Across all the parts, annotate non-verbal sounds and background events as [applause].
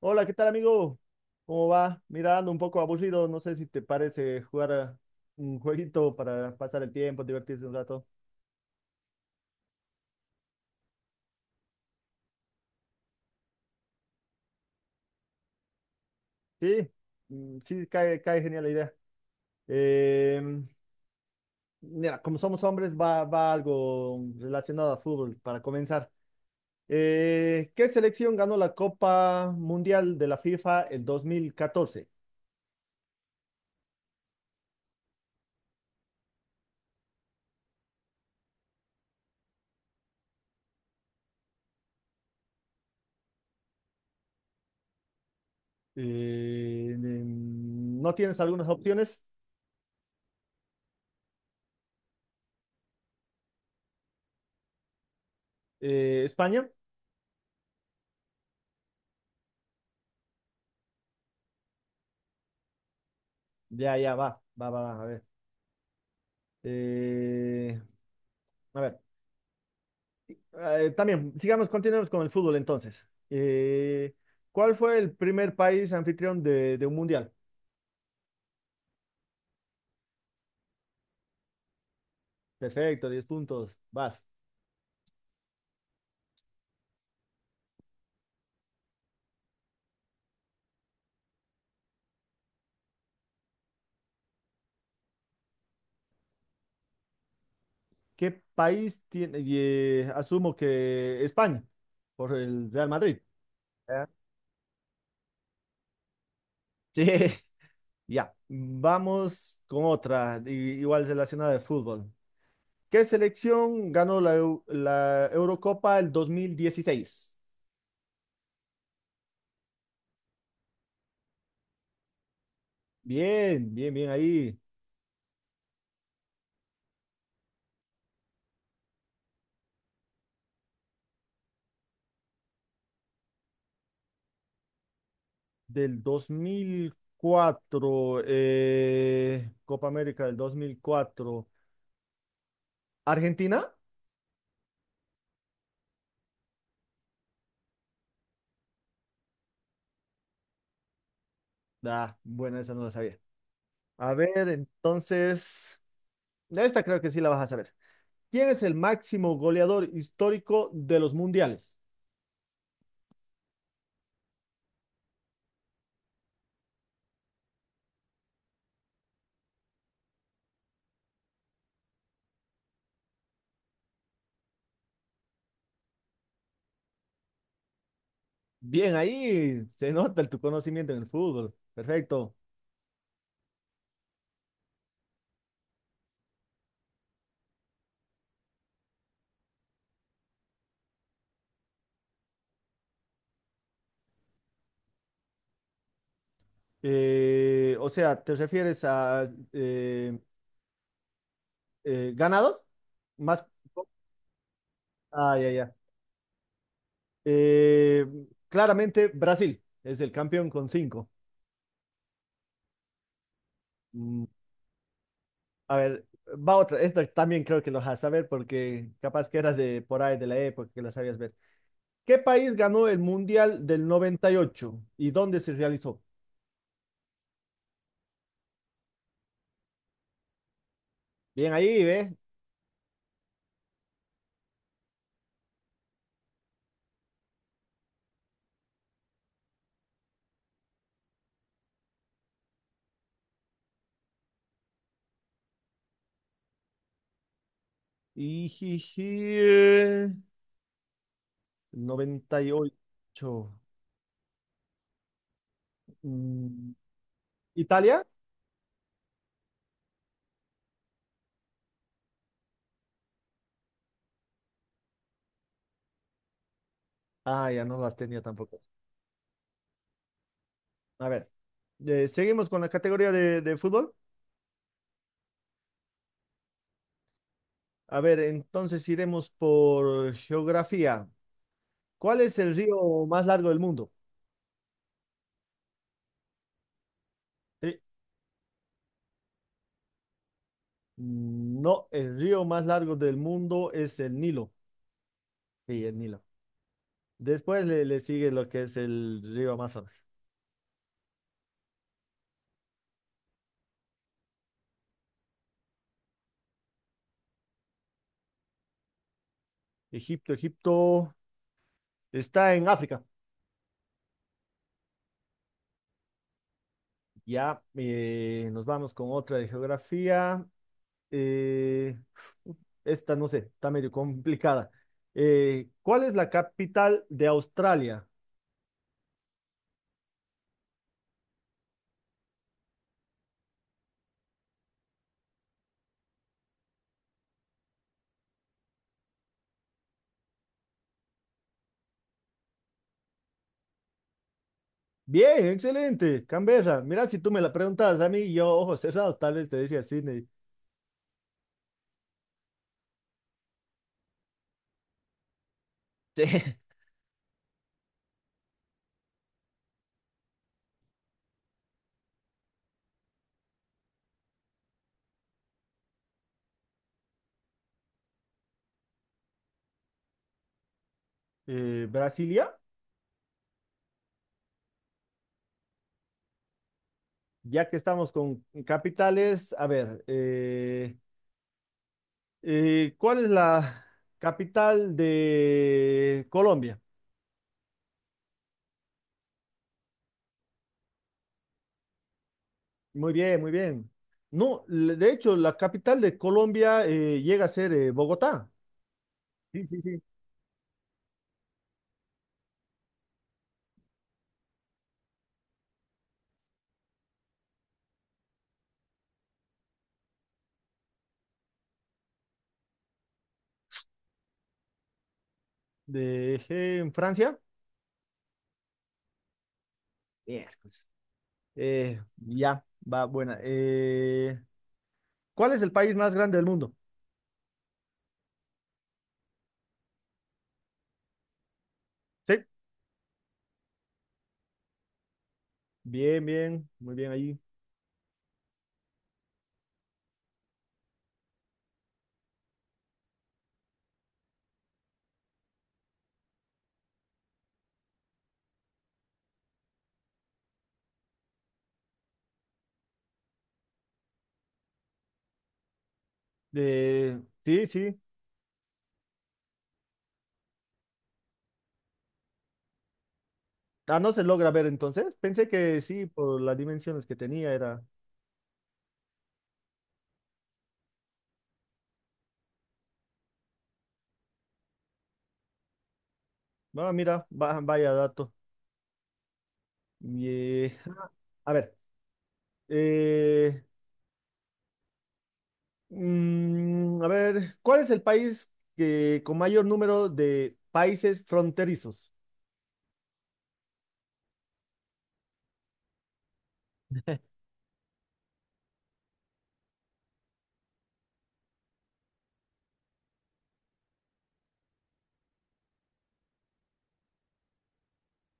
Hola, ¿qué tal, amigo? ¿Cómo va? Mirando un poco aburrido, no sé si te parece jugar a un jueguito para pasar el tiempo, divertirse un rato. Sí, sí, cae genial la idea. Em, Mira, como somos hombres, va algo relacionado a fútbol para comenzar. ¿Qué selección ganó la Copa Mundial de la FIFA el 2014? ¿No tienes algunas opciones? ¿España? Ya, ya, va, va, va, va, a ver. Eh, A ver, también, continuemos con el fútbol entonces. ¿Cuál fue el primer país anfitrión de un mundial? Perfecto, diez puntos, vas. ¿Qué país tiene? Y, asumo que España, por el Real Madrid. ¿Eh? Sí, [laughs] ya. Vamos con otra, igual relacionada de fútbol. ¿Qué selección ganó la Eurocopa el 2016? Bien, bien, bien ahí. Del 2004, Copa América del dos mil cuatro. ¿Argentina? Ah, bueno, esa no la sabía. A ver, entonces, esta creo que sí la vas a saber. ¿Quién es el máximo goleador histórico de los mundiales? Bien, ahí se nota tu conocimiento en el fútbol. Perfecto. O sea, ¿te refieres a eh, ganados? Más. Ah, ya, ya. Eh, Claramente Brasil es el campeón con cinco. Mm, A ver, va otra. Esta también creo que lo vas a saber porque capaz que eras de por ahí de la época que la sabías ver. ¿Qué país ganó el Mundial del noventa y ocho y dónde se realizó? Bien ahí, ¿ves? Ijiji, noventa y, jiji, 98. Mm, ¿Italia? Ah, ya no las tenía tampoco. A ver, seguimos con la categoría de fútbol. A ver, entonces iremos por geografía. ¿Cuál es el río más largo del mundo? Sí. No, el río más largo del mundo es el Nilo. Sí, el Nilo. Después le, le sigue lo que es el río Amazonas. Egipto, Egipto está en África. Ya, nos vamos con otra de geografía. Eh, Esta no sé, está medio complicada. ¿Cuál es la capital de Australia? Bien, excelente, Cambera. Mira, si tú me la preguntas a mí, yo, ojos cerrados, tal vez te decía Sydney. [laughs] Sí. Brasilia, ya que estamos con capitales, a ver, ¿cuál es la capital de Colombia? Muy bien, muy bien. No, le- de hecho, la capital de Colombia, llega a ser, Bogotá. Sí, sí, sí. En Francia. Miércoles. Ya, va, buena. ¿Cuál es el país más grande del mundo? Sí, bien, bien, muy bien ahí. Sí, sí. Ah, no se logra ver entonces. Pensé que sí, por las dimensiones que tenía era. Ah, mira, vaya dato. Y, [laughs] a ver, eh, a ver, ¿cuál es el país que con mayor número de países fronterizos?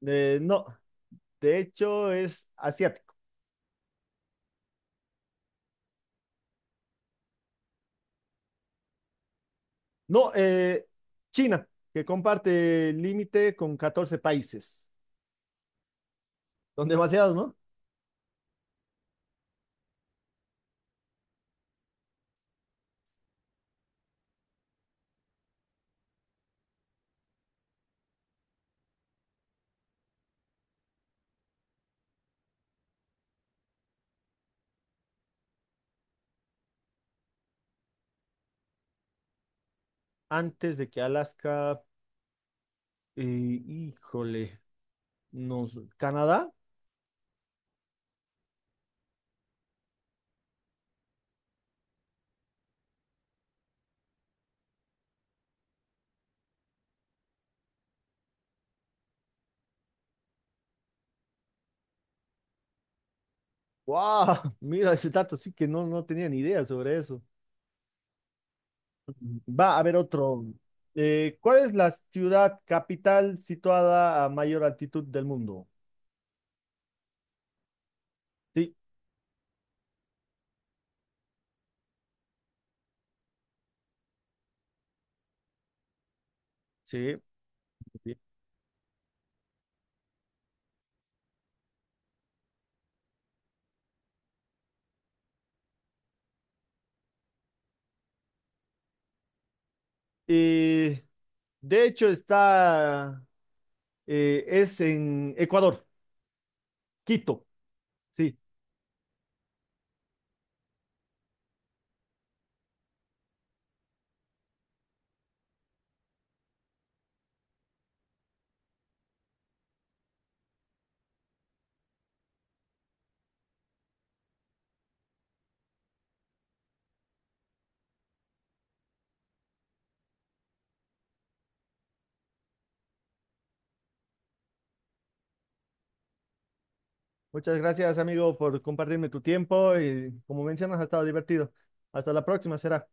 No, de hecho es asiático. No, China, que comparte límite con 14 países. Son demasiados, ¿no? Antes de que Alaska... Eh, híjole, Canadá. ¡Wow! [laughs] Mira ese dato, sí que no, no tenía ni idea sobre eso. Va a haber otro. ¿Cuál es la ciudad capital situada a mayor altitud del mundo? Sí, sí, bien. eh, de hecho es en Ecuador, Quito. Sí, muchas gracias, amigo, por compartirme tu tiempo, y como mencionas, ha estado divertido. Hasta la próxima será.